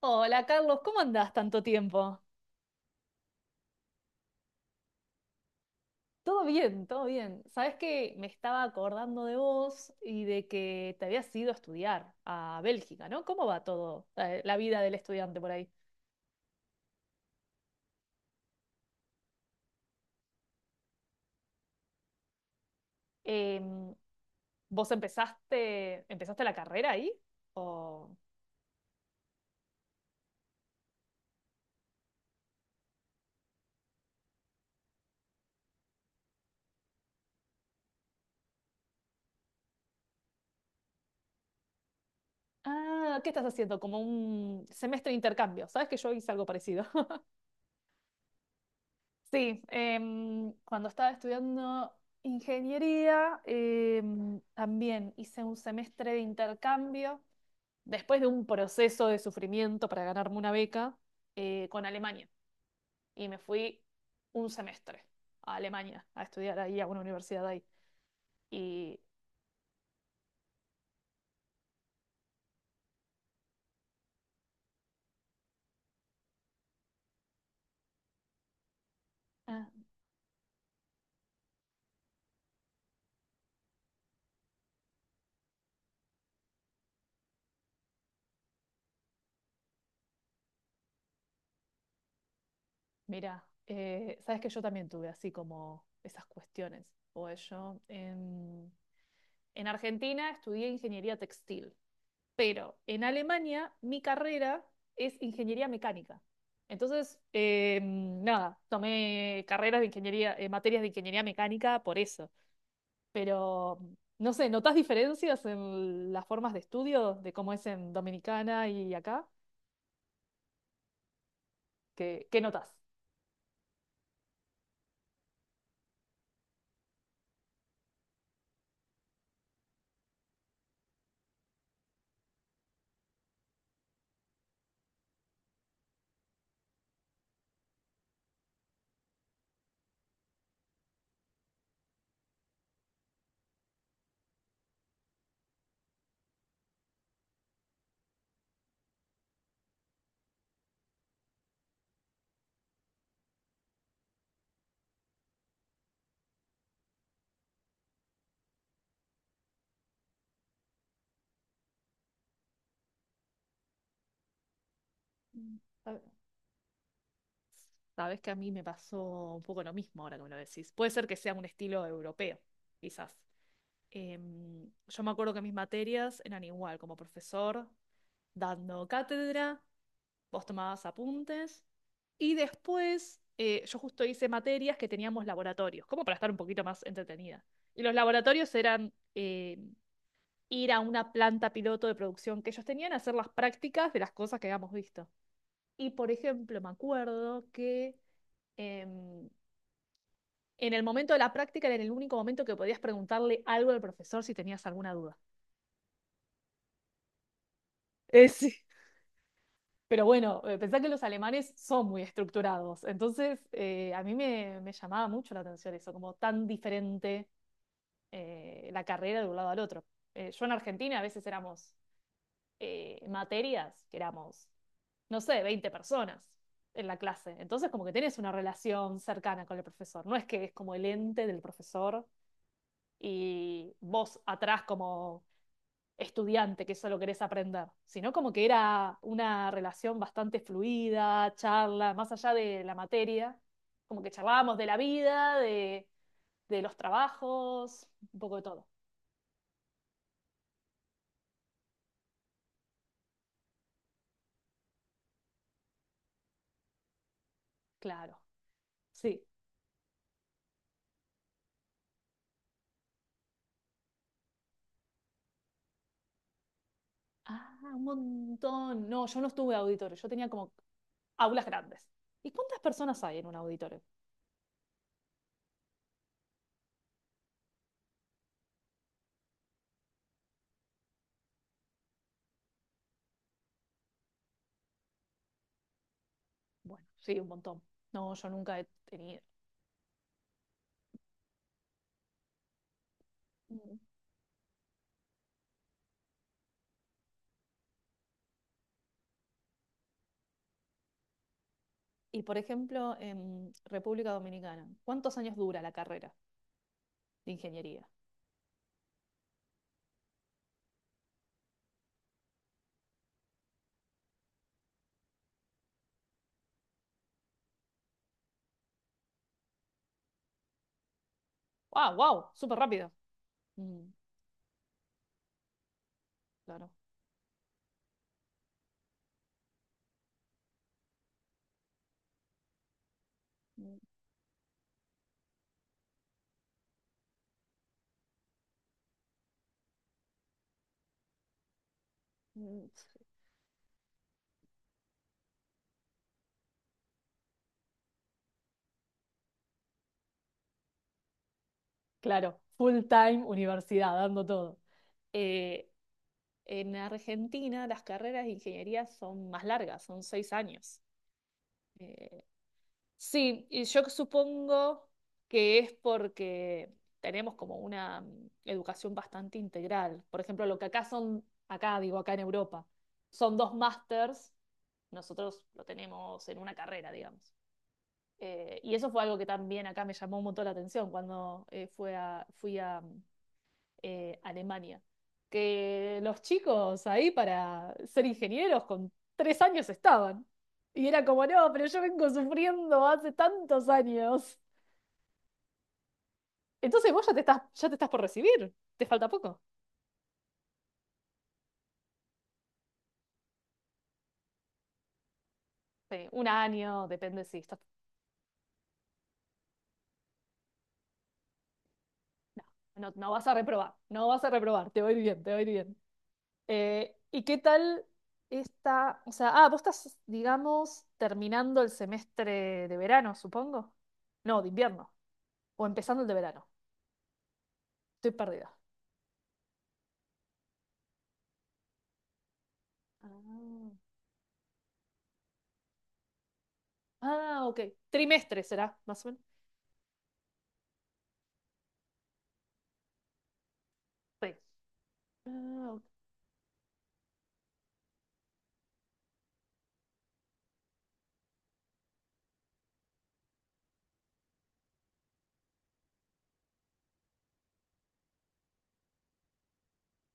Hola Carlos, ¿cómo andás tanto tiempo? Todo bien, todo bien. Sabes que me estaba acordando de vos y de que te habías ido a estudiar a Bélgica, ¿no? ¿Cómo va todo, la vida del estudiante por ahí? Em, ¿vos empezaste la carrera ahí? ¿O... Ah, ¿qué estás haciendo? Como un semestre de intercambio. Sabes que yo hice algo parecido. Sí, cuando estaba estudiando ingeniería, también hice un semestre de intercambio después de un proceso de sufrimiento para ganarme una beca, con Alemania. Y me fui un semestre a Alemania a estudiar ahí, a una universidad ahí. Y ah, mira, sabes que yo también tuve así como esas cuestiones. Pues yo en Argentina estudié ingeniería textil, pero en Alemania mi carrera es ingeniería mecánica. Entonces, nada, tomé carreras de ingeniería, materias de ingeniería mecánica por eso, pero no sé, ¿notas diferencias en las formas de estudio de cómo es en Dominicana y acá? ¿Qué notas? Mm. sab- Sabes que a mí me pasó un poco lo mismo ahora que me lo decís. Puede ser que sea un estilo europeo, quizás. Yo me acuerdo que mis materias eran igual, como profesor dando cátedra, vos tomabas apuntes y después yo justo hice materias que teníamos laboratorios, como para estar un poquito más entretenida. Y los laboratorios eran ir a una planta piloto de producción que ellos tenían, hacer las prácticas de las cosas que habíamos visto. Y por ejemplo, me acuerdo que em, en el momento de la práctica era el único momento que podías preguntarle algo al profesor si tenías alguna duda. Sí. Pero bueno, pensá que los alemanes son muy estructurados, entonces a mí me llamaba mucho la atención eso, como tan diferente la carrera de un lado al otro. Yo en Argentina a veces éramos materias, que éramos, no sé, 20 personas en la clase. Entonces, como que tenés una relación cercana con el profesor. No es que es como el ente del profesor y vos atrás como estudiante que solo querés aprender, sino como que era una relación bastante fluida, charla, más allá de la materia, como que charlábamos de la vida, de los trabajos, un poco de todo, claro, sí. Ah, un montón. No, yo no estuve auditorio, yo tenía como aulas grandes. ¿Y cuántas personas hay en un auditorio? Bueno, sí, un montón. No, yo nunca he tenido. Y por ejemplo, en República Dominicana, ¿cuántos años dura la carrera de ingeniería? ¡Wow, wow! Súper rápido. Mm, claro. Mm, claro, full time universidad, dando todo. Eh, en Argentina las carreras de ingeniería son más largas, son 6 años. Eh, Sí, y yo supongo que es porque tenemos como una educación bastante integral. Por ejemplo, lo que acá son, acá digo, acá en Europa, son dos másters, nosotros lo tenemos en una carrera, digamos. Y eso fue algo que también acá me llamó un montón la atención cuando fui a, Alemania. Que los chicos ahí para ser ingenieros con 3 años estaban. Y era como, no, pero yo vengo sufriendo hace tantos años. Entonces vos ya te estás por recibir. Te falta poco. Sí, un año, depende si estás. No, no, no vas a reprobar. No vas a reprobar. Te va a ir bien, te va a ir bien. ¿Y qué tal esta? O sea, ah, vos estás, digamos, terminando el semestre de verano, supongo. No, de invierno. O empezando el de verano. Estoy perdida. Ah, ah, ok. Trimestre será, más o menos. Sí. Ah, ok.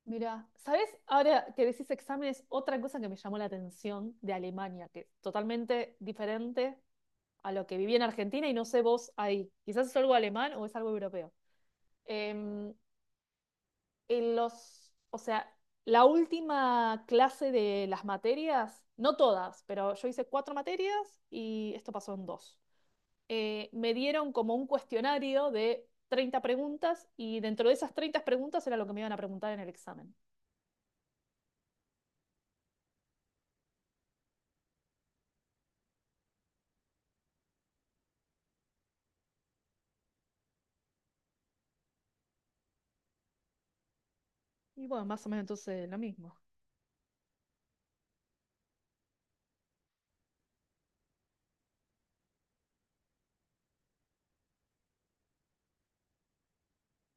Mirá, ¿sabes? Ahora que decís exámenes, otra cosa que me llamó la atención de Alemania, que es totalmente diferente a lo que viví en Argentina y no sé vos ahí. Quizás es algo alemán o es algo europeo. Em, o sea, la última clase de las materias, no todas, pero yo hice cuatro materias y esto pasó en dos. Me dieron como un cuestionario de 30 preguntas y dentro de esas 30 preguntas era lo que me iban a preguntar en el examen. Y bueno, más o menos entonces lo mismo.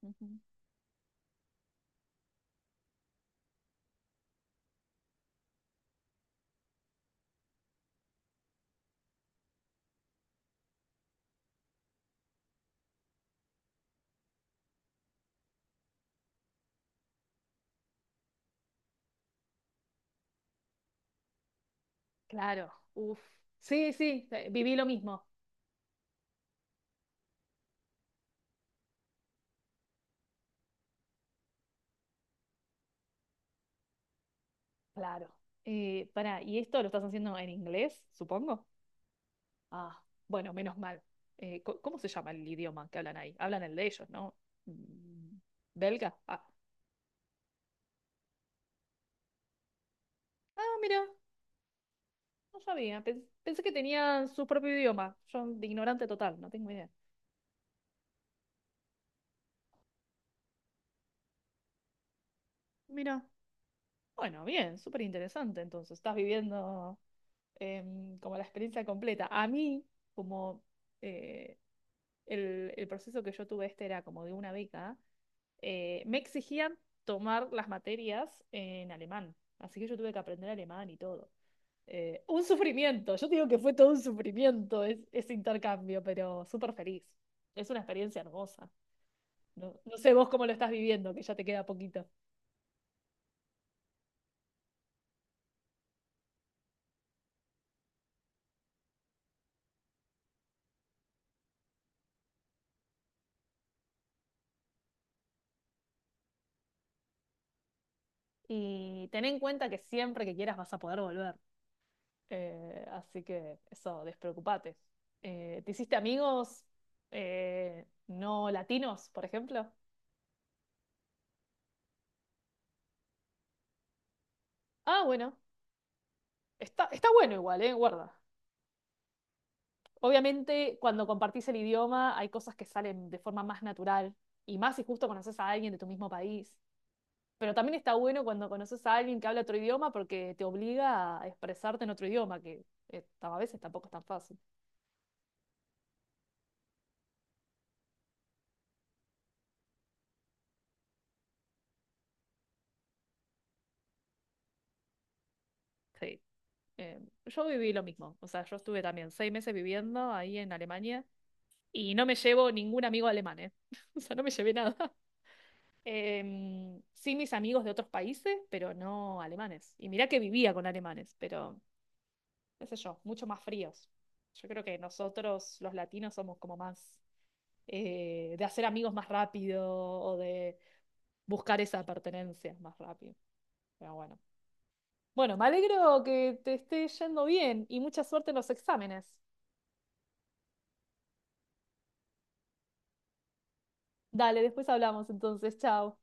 Ujú. Claro, uff. Sí, sí, viví lo mismo. Claro. Pará, ¿y esto lo estás haciendo en inglés, supongo? Ah, bueno, menos mal. ¿Cómo se llama el idioma que hablan ahí? Hablan el de ellos, ¿no? Mm. ¿Belga? Ah, ah, mira, no sabía. Pensé, que tenían su propio idioma. Yo, de ignorante total, no tengo idea. Mira, bueno, bien, súper interesante. Entonces, estás viviendo como la experiencia completa. A mí, como eh, el proceso que yo tuve este era como de una beca, me exigían tomar las materias en alemán. Así que yo tuve que aprender alemán y todo. Un sufrimiento, yo te digo que fue todo un sufrimiento ese intercambio, pero súper feliz. Es una experiencia hermosa. No, no sé vos cómo lo estás viviendo, que ya te queda poquito. Y ten en cuenta que siempre que quieras vas a poder volver. Así que eso, despreocupate. ¿Te hiciste amigos no latinos, por ejemplo? Ah, bueno, está bueno igual, ¿eh? Guarda. Obviamente, cuando compartís el idioma, hay cosas que salen de forma más natural y más si justo conoces a alguien de tu mismo país. Pero también está bueno cuando conoces a alguien que habla otro idioma porque te obliga a expresarte en otro idioma, que a veces tampoco es tan fácil. Sí. Eh, yo viví lo mismo, o sea, yo estuve también 6 meses viviendo ahí en Alemania. Y no me llevo ningún amigo alemán, ¿eh? O sea, no me llevé nada. Sí, mis amigos de otros países, pero no alemanes. Y mirá que vivía con alemanes, pero, qué sé yo, mucho más fríos. Yo creo que nosotros, los latinos, somos como más de hacer amigos más rápido o de buscar esa pertenencia más rápido. Pero bueno. Bueno, me alegro que te esté yendo bien y mucha suerte en los exámenes. Dale, después hablamos entonces. Chao.